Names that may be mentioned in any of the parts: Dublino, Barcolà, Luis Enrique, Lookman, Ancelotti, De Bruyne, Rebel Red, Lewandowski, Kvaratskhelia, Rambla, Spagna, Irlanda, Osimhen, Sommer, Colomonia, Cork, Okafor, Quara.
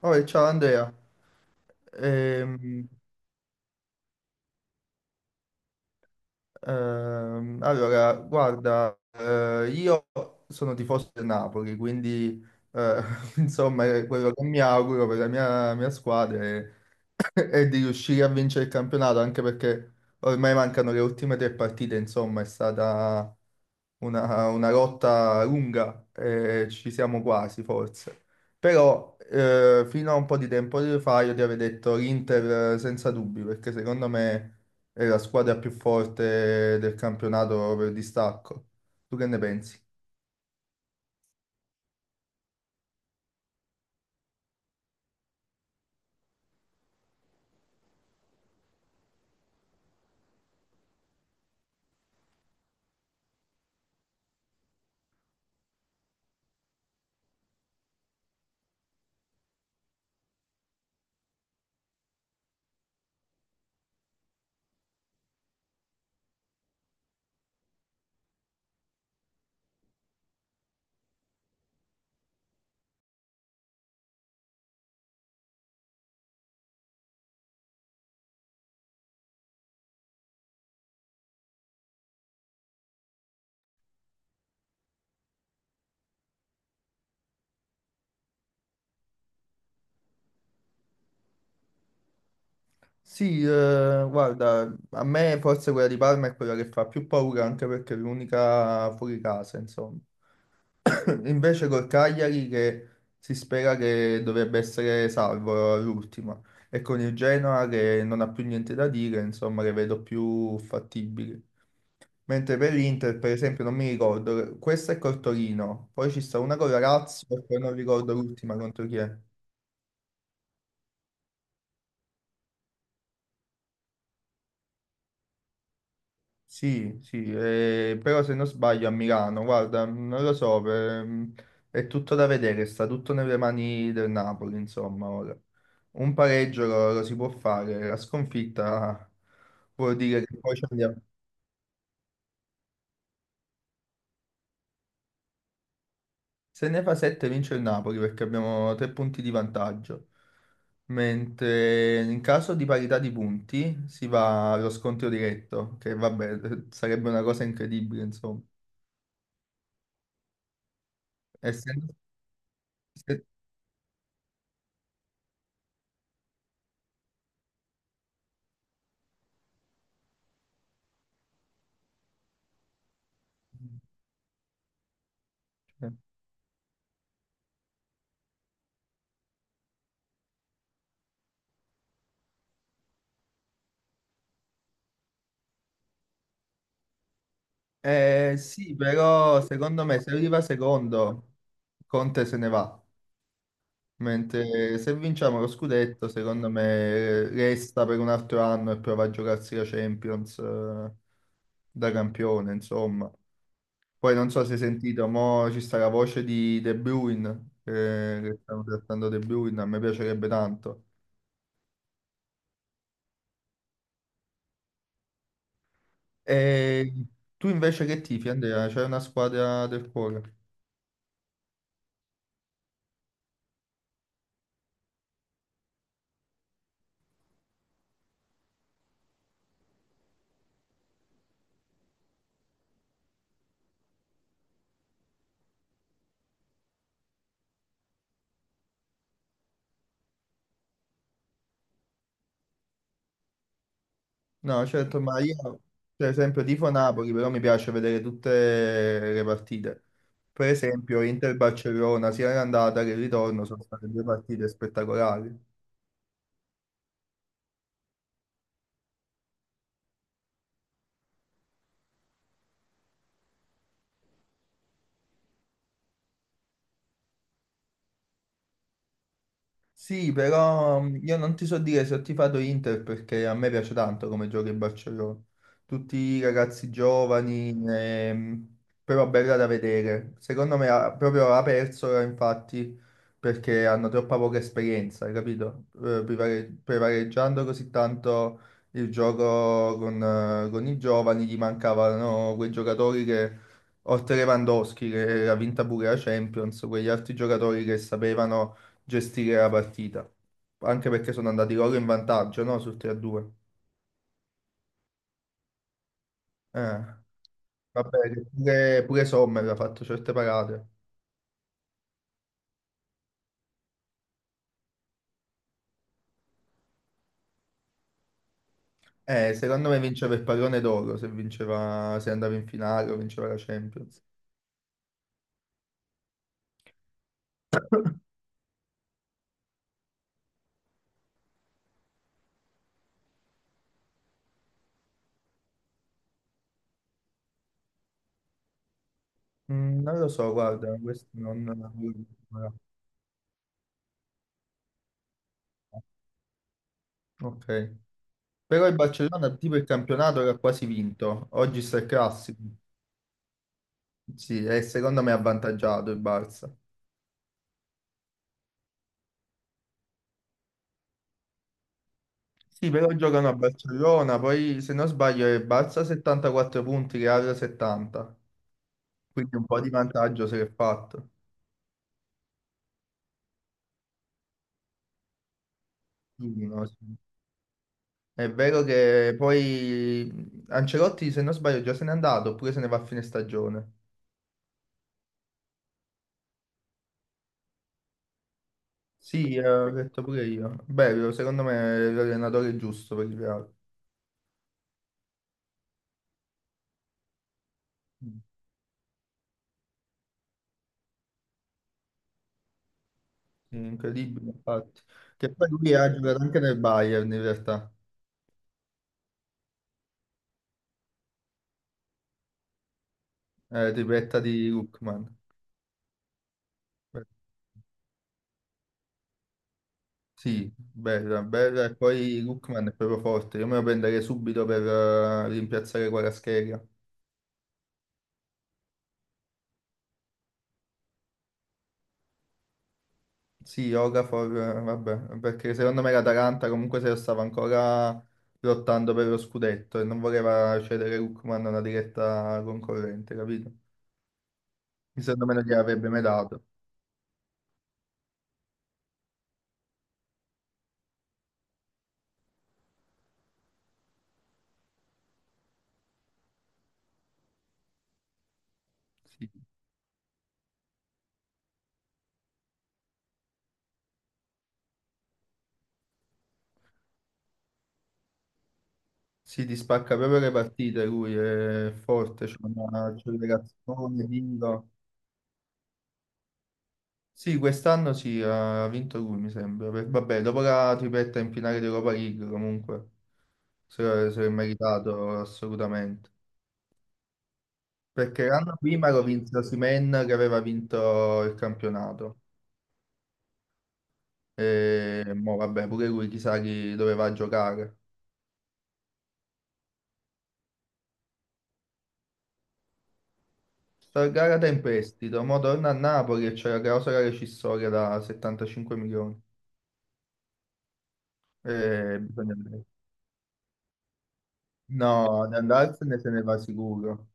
Poi, ciao Andrea. Ehm, allora, guarda, io sono tifoso del Napoli, quindi eh, insomma è quello che mi auguro per la mia squadra è e di riuscire a vincere il campionato, anche perché ormai mancano le ultime 3 partite, insomma, è stata una lotta lunga e ci siamo quasi, forse. Però fino a un po' di tempo fa io ti avevo detto l'Inter senza dubbi, perché secondo me è la squadra più forte del campionato per distacco. Tu che ne pensi? Sì, guarda, a me forse quella di Parma è quella che fa più paura anche perché è l'unica fuori casa, insomma. Invece col Cagliari che si spera che dovrebbe essere salvo all'ultima e con il Genoa che non ha più niente da dire, insomma, le vedo più fattibili. Mentre per l'Inter, per esempio, non mi ricordo, questa è col Torino, poi ci sta una con la Lazio e poi non ricordo l'ultima contro chi è. Sì, sì, però se non sbaglio a Milano, guarda, non lo so, è tutto da vedere, sta tutto nelle mani del Napoli, insomma, ora. Un pareggio lo si può fare, la sconfitta vuol dire che poi ci andiamo. Se ne fa 7 vince il Napoli perché abbiamo 3 punti di vantaggio, mentre in caso di parità di punti si va allo scontro diretto, che vabbè, sarebbe una cosa incredibile, insomma. Essendo... se- eh, sì, però secondo me se arriva secondo, Conte se ne va. Mentre se vinciamo lo scudetto, secondo me resta per un altro anno e prova a giocarsi la Champions da campione, insomma. Poi non so se hai sentito, mo ci sta la voce di De Bruyne, che stanno trattando De Bruyne, a me piacerebbe tanto. E tu invece che tifi, Andrea? C'è una squadra del cuore? No, certo, ma io per esempio tifo Napoli, però mi piace vedere tutte le partite. Per esempio Inter-Barcellona, sia l'andata che il ritorno sono state due partite spettacolari. Sì, però io non ti so dire se ho tifato Inter perché a me piace tanto come gioca il Barcellona. Tutti i ragazzi giovani, però bella da vedere. Secondo me ha, proprio ha perso, ora, infatti, perché hanno troppa poca esperienza, hai capito? Prevaleggiando così tanto il gioco con i giovani, gli mancavano quei giocatori che, oltre Lewandowski, che ha vinto pure la Champions, quegli altri giocatori che sapevano gestire la partita, anche perché sono andati loro in vantaggio, no? Sul 3-2. Eh, vabbè, che pure Sommer ha fatto certe parate. Secondo me vinceva il pallone d'oro se vinceva, se andava in finale o vinceva la Champions. Mm, non lo so, guarda, questo non... ok. Però il Barcellona tipo il campionato era quasi vinto, oggi sta il classico. Sì, e secondo me è avvantaggiato il Barça. Sì, però giocano a Barcellona, poi se non sbaglio è Barça 74 punti, Real 70, quindi un po' di vantaggio se l'è fatto. Quindi, no, sì. È vero che poi Ancelotti, se non sbaglio, già se n'è andato oppure se ne va a fine stagione. Sì, ho detto pure io. Bello, secondo me è l'allenatore giusto per il Real. Mm. Sì, incredibile, infatti. Che poi lui ha giocato anche nel Bayern, in realtà, tripletta di Lookman. Sì, Berra, Berra e poi Lookman è proprio forte. Io me lo prenderei subito per rimpiazzare Kvaratskhelia. Sì, Okafor, vabbè, perché secondo me l'Atalanta comunque se lo stava ancora lottando per lo scudetto e non voleva cedere Lookman a una diretta concorrente, capito? Quindi secondo me non gliel'avrebbe mai dato. Sì. Sì, ti spacca proprio le partite lui, è forte, c'è una accelerazione, tiro. Sì, quest'anno sì, ha vinto lui, mi sembra. Per- vabbè, dopo la tripletta in finale di Europa League, comunque, se l'è meritato assolutamente. Perché l'anno prima lo vinse Osimhen che aveva vinto il campionato. E mo, vabbè, pure lui chissà chi doveva giocare. Sta gara da in prestito, mo torna a Napoli e c'è la clausola rescissoria da 75 milioni. E bisogna vedere. No, ad andarsene se ne va sicuro.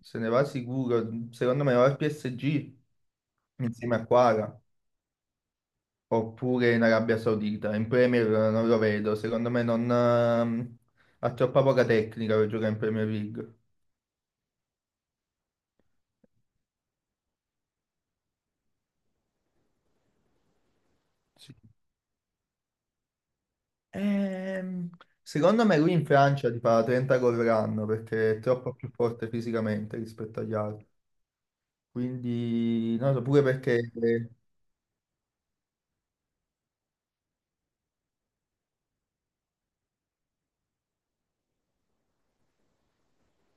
Se ne va sicuro. Secondo me va al PSG insieme a Quara, oppure in Arabia Saudita. In Premier non lo vedo, secondo me non, ha troppa poca tecnica per giocare in Premier League. Sì. Ehm, Secondo me lui in Francia ti fa 30 gol l'anno perché è troppo più forte fisicamente rispetto agli altri. Quindi, non lo so, pure perché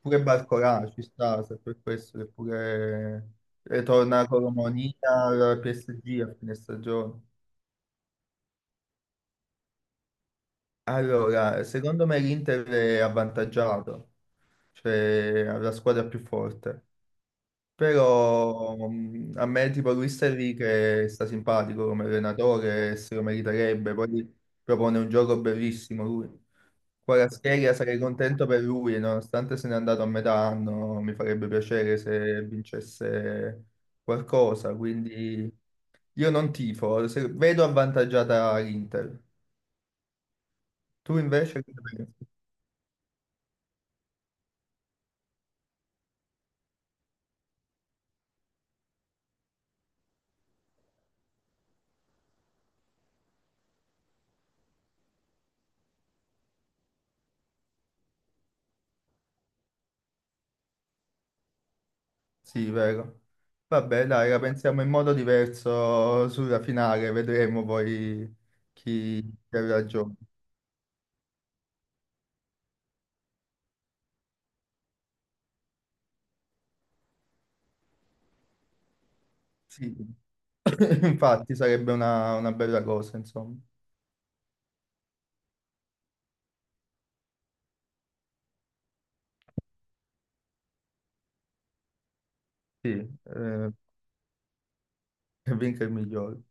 pure Barcolà ci sta, se per questo che pure torna Colomonia al PSG a fine stagione. Allora, secondo me l'Inter è avvantaggiato, cioè ha la squadra più forte, però a me tipo Luis Enrique sta simpatico come allenatore, se lo meriterebbe, poi propone un gioco bellissimo lui. Kvaratskhelia sarei contento per lui, nonostante se n'è andato a metà anno, mi farebbe piacere se vincesse qualcosa, quindi io non tifo, vedo avvantaggiata l'Inter. Tu invece? Che ne pensi? Sì, vero. Vabbè, dai, la pensiamo in modo diverso sulla finale, vedremo poi chi chi ha ragione. Sì, infatti sarebbe una bella cosa, insomma. Sì, che vinca il migliore.